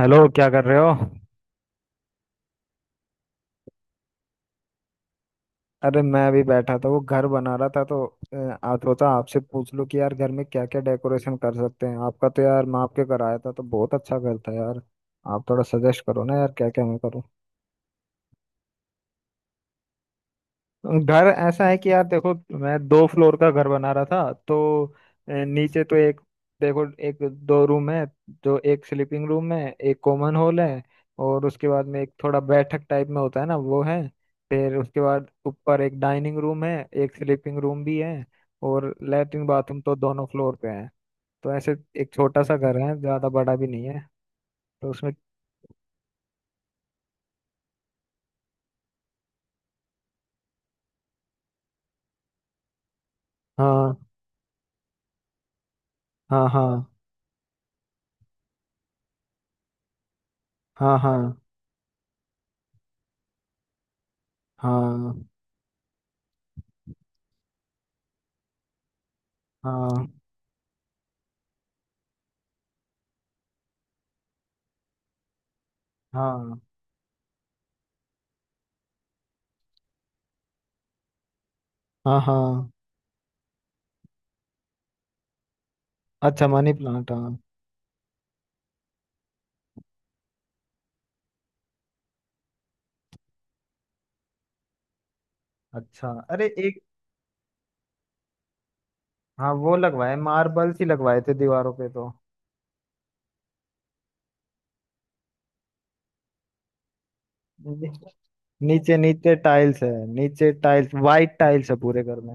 Hello, क्या कर रहे हो? अरे, मैं अभी बैठा था, वो घर बना रहा था तो अ, आ सोचा आपसे पूछ लूं कि यार घर में क्या क्या डेकोरेशन कर सकते हैं। आपका तो यार मैं आपके कराया था तो बहुत अच्छा घर था यार। आप थोड़ा सजेस्ट करो ना यार, क्या क्या मैं करूँ। घर ऐसा है कि यार देखो, मैं दो फ्लोर का घर बना रहा था तो नीचे तो एक, देखो एक दो रूम है। जो एक स्लीपिंग रूम है, एक कॉमन हॉल है, और उसके बाद में एक थोड़ा बैठक टाइप में होता है ना वो है। फिर उसके बाद ऊपर एक डाइनिंग रूम है, एक स्लीपिंग रूम भी है, और लेटरिन बाथरूम तो दोनों फ्लोर पे है। तो ऐसे एक छोटा सा घर है, ज्यादा बड़ा भी नहीं है। तो उसमें हाँ, हाँ, हाँ, हाँ, हाँ, हाँ, हाँ, हाँ, हाँ, हाँ। अच्छा, मनी प्लांट, हाँ। अच्छा, अरे एक, हाँ वो लगवाए, मार्बल ही लगवाए थे दीवारों पे तो। नी- नीचे नीचे टाइल्स है, नीचे टाइल्स वाइट टाइल्स है पूरे घर में।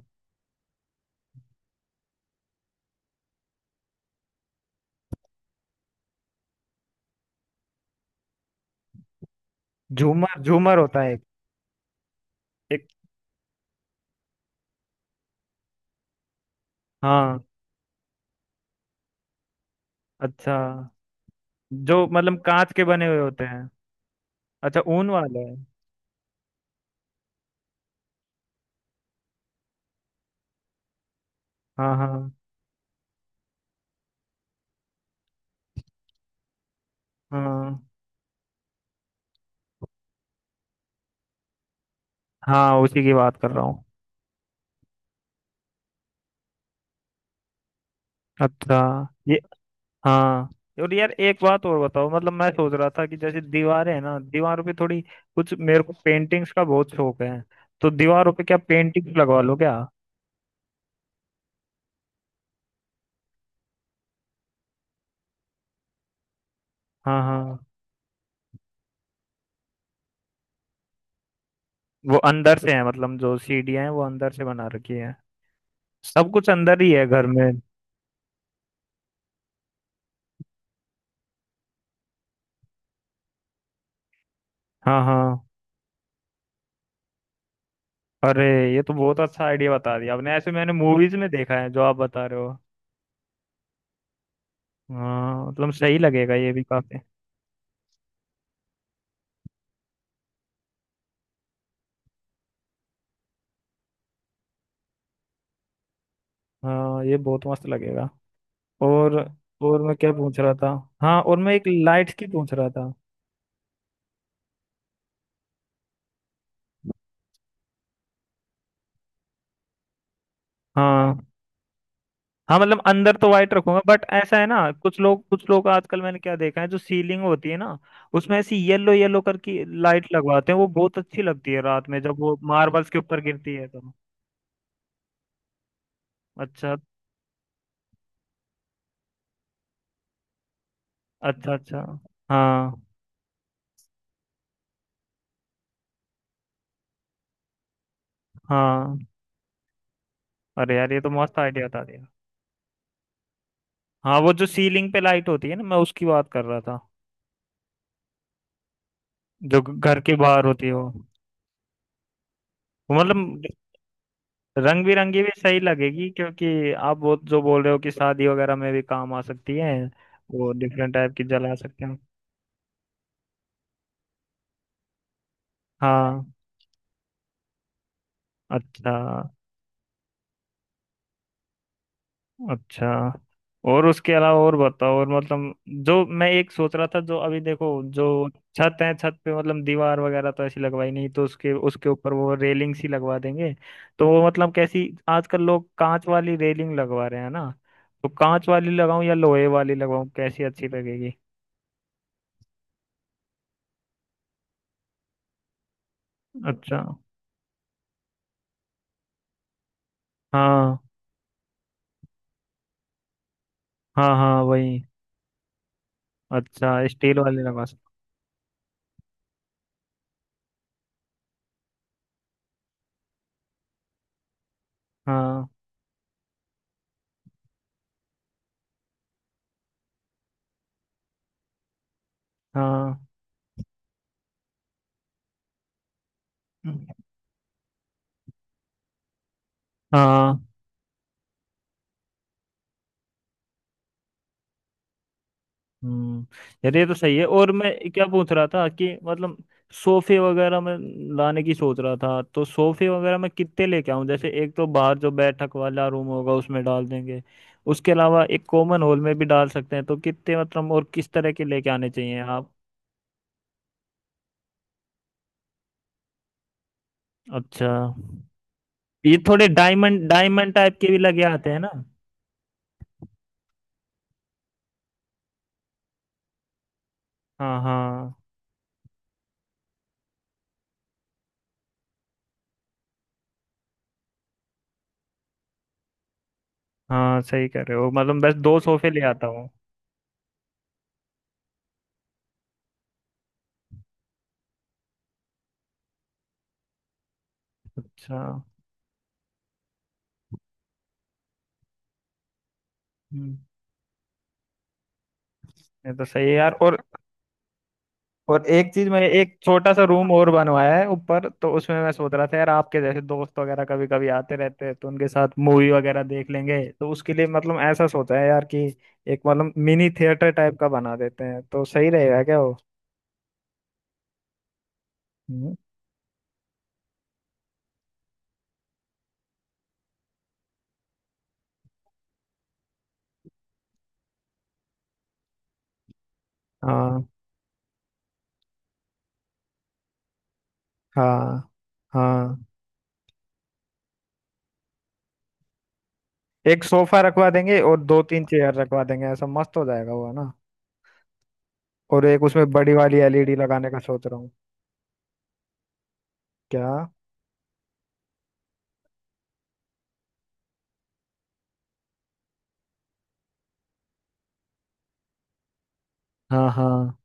झूमर झूमर होता है एक, एक। हाँ, अच्छा। जो मतलब कांच के बने हुए होते हैं? अच्छा, ऊन वाले हैं। हाँ, हाँ, हाँ, हाँ, उसी की बात कर रहा हूँ। अच्छा, ये हाँ। और यार एक बात और बताओ, मतलब मैं सोच रहा था कि जैसे दीवारें हैं ना, दीवारों पे थोड़ी कुछ, मेरे को पेंटिंग्स का बहुत शौक है। तो दीवारों पे क्या पेंटिंग्स लगवा लो क्या। हाँ, हाँ। वो अंदर से है, मतलब जो सीढ़ियाँ हैं वो अंदर से बना रखी है। सब कुछ अंदर ही है घर में। हाँ, हाँ। अरे, ये तो बहुत अच्छा आइडिया बता दिया आपने। ऐसे मैंने मूवीज में देखा है जो आप बता रहे हो। हाँ, मतलब सही लगेगा ये भी काफी। हाँ, ये बहुत मस्त लगेगा। और और मैं क्या पूछ रहा था? हाँ, और मैं एक लाइट्स की पूछ रहा था। हाँ, हाँ। मतलब अंदर तो वाइट रखूंगा, बट ऐसा है ना कुछ लोग आजकल, मैंने क्या देखा है, जो सीलिंग होती है ना उसमें ऐसी येलो येलो कर की लाइट लगवाते हैं, वो बहुत अच्छी लगती है रात में जब वो मार्बल्स के ऊपर गिरती है तो। अच्छा, अच्छा, अच्छा। हाँ, हाँ। अरे यार, ये तो मस्त आइडिया बता दिया। हाँ, वो जो सीलिंग पे लाइट होती है ना, मैं उसकी बात कर रहा था। जो घर के बाहर होती है वो मतलब रंग बिरंगी भी सही लगेगी, क्योंकि आप वो जो बोल रहे हो कि शादी वगैरह में भी काम आ सकती है। वो डिफरेंट टाइप की जला सकते हैं। हाँ। अच्छा, अच्छा। और उसके अलावा और बताओ, और मतलब जो मैं एक सोच रहा था, जो अभी देखो, जो छत है, छत पे मतलब दीवार वगैरह तो ऐसी लगवाई नहीं, तो उसके उसके ऊपर वो रेलिंग सी लगवा देंगे। तो वो मतलब कैसी, आजकल लोग कांच वाली रेलिंग लगवा रहे हैं ना, तो कांच वाली लगाऊं या लोहे वाली लगाऊं, कैसी अच्छी लगेगी? अच्छा, हाँ, हाँ, हाँ, वही। अच्छा, स्टील वाले लगा सकते। हाँ, हाँ, हाँ, हम्म। यार, ये तो सही है। और मैं क्या पूछ रहा था कि मतलब सोफे वगैरह मैं लाने की सोच रहा था, तो सोफे वगैरह मैं कितने लेके आऊं? जैसे एक तो बाहर जो बैठक वाला रूम होगा उसमें डाल देंगे, उसके अलावा एक कॉमन हॉल में भी डाल सकते हैं, तो कितने मतलब और किस तरह के लेके आने चाहिए आप? अच्छा, ये थोड़े डायमंड डायमंड टाइप के भी लगे आते हैं ना। हाँ, हाँ। हाँ, सही कह रहे हो, मतलब बस दो सोफे ले आता हूँ। अच्छा। हम्म। ये तो सही है यार। और एक चीज, मैं एक छोटा सा रूम और बनवाया है ऊपर, तो उसमें मैं सोच रहा था यार, आपके जैसे दोस्त वगैरह कभी कभी आते रहते हैं तो उनके साथ मूवी वगैरह देख लेंगे, तो उसके लिए मतलब ऐसा सोचा है यार कि एक मतलब मिनी थिएटर टाइप का बना देते हैं तो सही रहेगा क्या वो। हम्म। हाँ, हाँ, हाँ। एक सोफा रखवा देंगे और दो तीन चेयर रखवा देंगे, ऐसा मस्त हो जाएगा वो, है ना। और एक उसमें बड़ी वाली एलईडी लगाने का सोच रहा हूँ। क्या? हाँ, हाँ,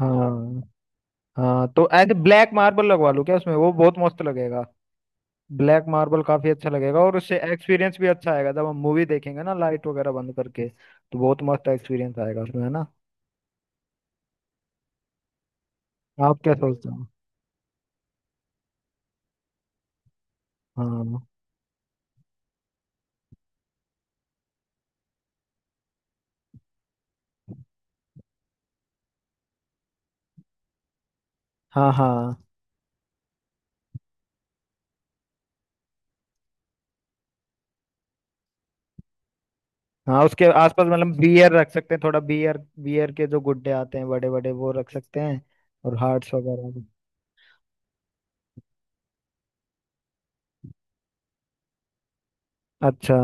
हाँ, हाँ। तो ऐसे ब्लैक मार्बल लगवा लूँ क्या उसमें, वो बहुत मस्त लगेगा। ब्लैक मार्बल काफी अच्छा लगेगा और उससे एक्सपीरियंस भी अच्छा आएगा, जब हम मूवी देखेंगे ना लाइट वगैरह बंद करके तो बहुत मस्त एक्सपीरियंस आएगा उसमें, है ना। आप क्या सोचते हो? हाँ, हाँ, हाँ, हाँ। उसके आसपास मतलब बियर रख सकते हैं, थोड़ा बियर। बियर के जो गुड्डे आते हैं बड़े बड़े, वो रख सकते हैं, और हार्ट्स वगैरह भी। अच्छा।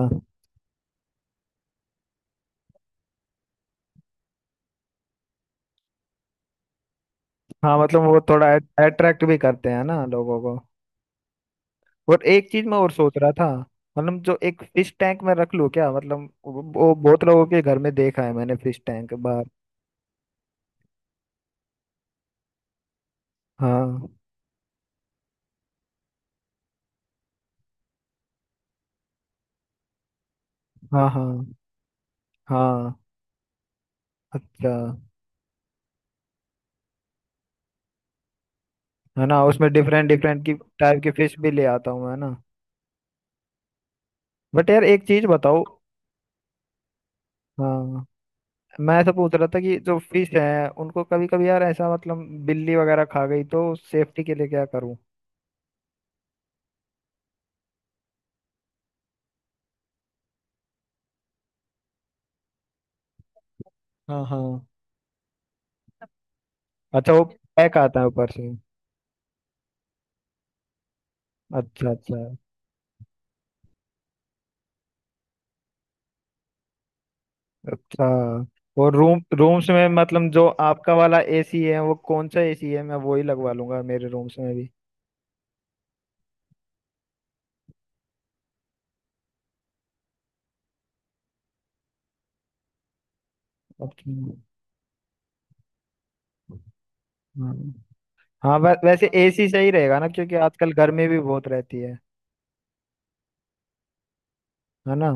हाँ, मतलब वो थोड़ा अट्रैक्ट भी करते हैं ना लोगों को। और एक चीज मैं और सोच रहा था, मतलब जो एक फिश टैंक में रख लूं क्या, मतलब वो बहुत लोगों के घर में देखा है मैंने, फिश टैंक बाहर। हाँ, हाँ, हाँ, हाँ। अच्छा। है ना, उसमें डिफरेंट डिफरेंट की टाइप की फिश भी ले आता हूँ, है ना। बट यार एक चीज बताओ। हाँ, मैं ऐसा पूछ रहा था कि जो फिश है उनको कभी कभी यार ऐसा मतलब बिल्ली वगैरह खा गई, तो सेफ्टी के लिए क्या करूँ? हाँ, हाँ। अच्छा, वो पैक आता है ऊपर से। अच्छा, अच्छा, अच्छा। और रूम्स में मतलब जो आपका वाला एसी है वो, कौन सा एसी है, मैं वही लगवा लूंगा मेरे रूम्स में भी। अच्छा। हाँ, हाँ, वैसे एसी सही रहेगा ना, क्योंकि आजकल गर्मी भी बहुत रहती है। है ना।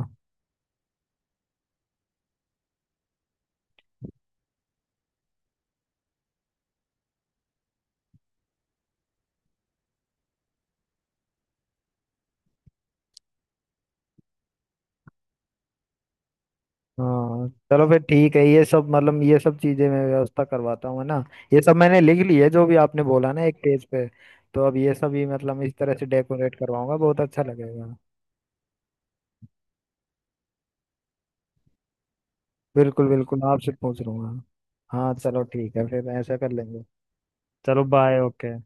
हाँ चलो, फिर ठीक है, ये सब मतलब ये सब चीजें मैं व्यवस्था करवाता हूँ, है ना। ये सब मैंने लिख ली है जो भी आपने बोला ना, एक पेज पे। तो अब ये सब ही मतलब इस तरह से डेकोरेट करवाऊंगा, बहुत अच्छा लगेगा। बिल्कुल बिल्कुल, आपसे पूछ लूंगा। हाँ चलो, ठीक है, फिर ऐसा कर लेंगे। चलो, बाय, ओके।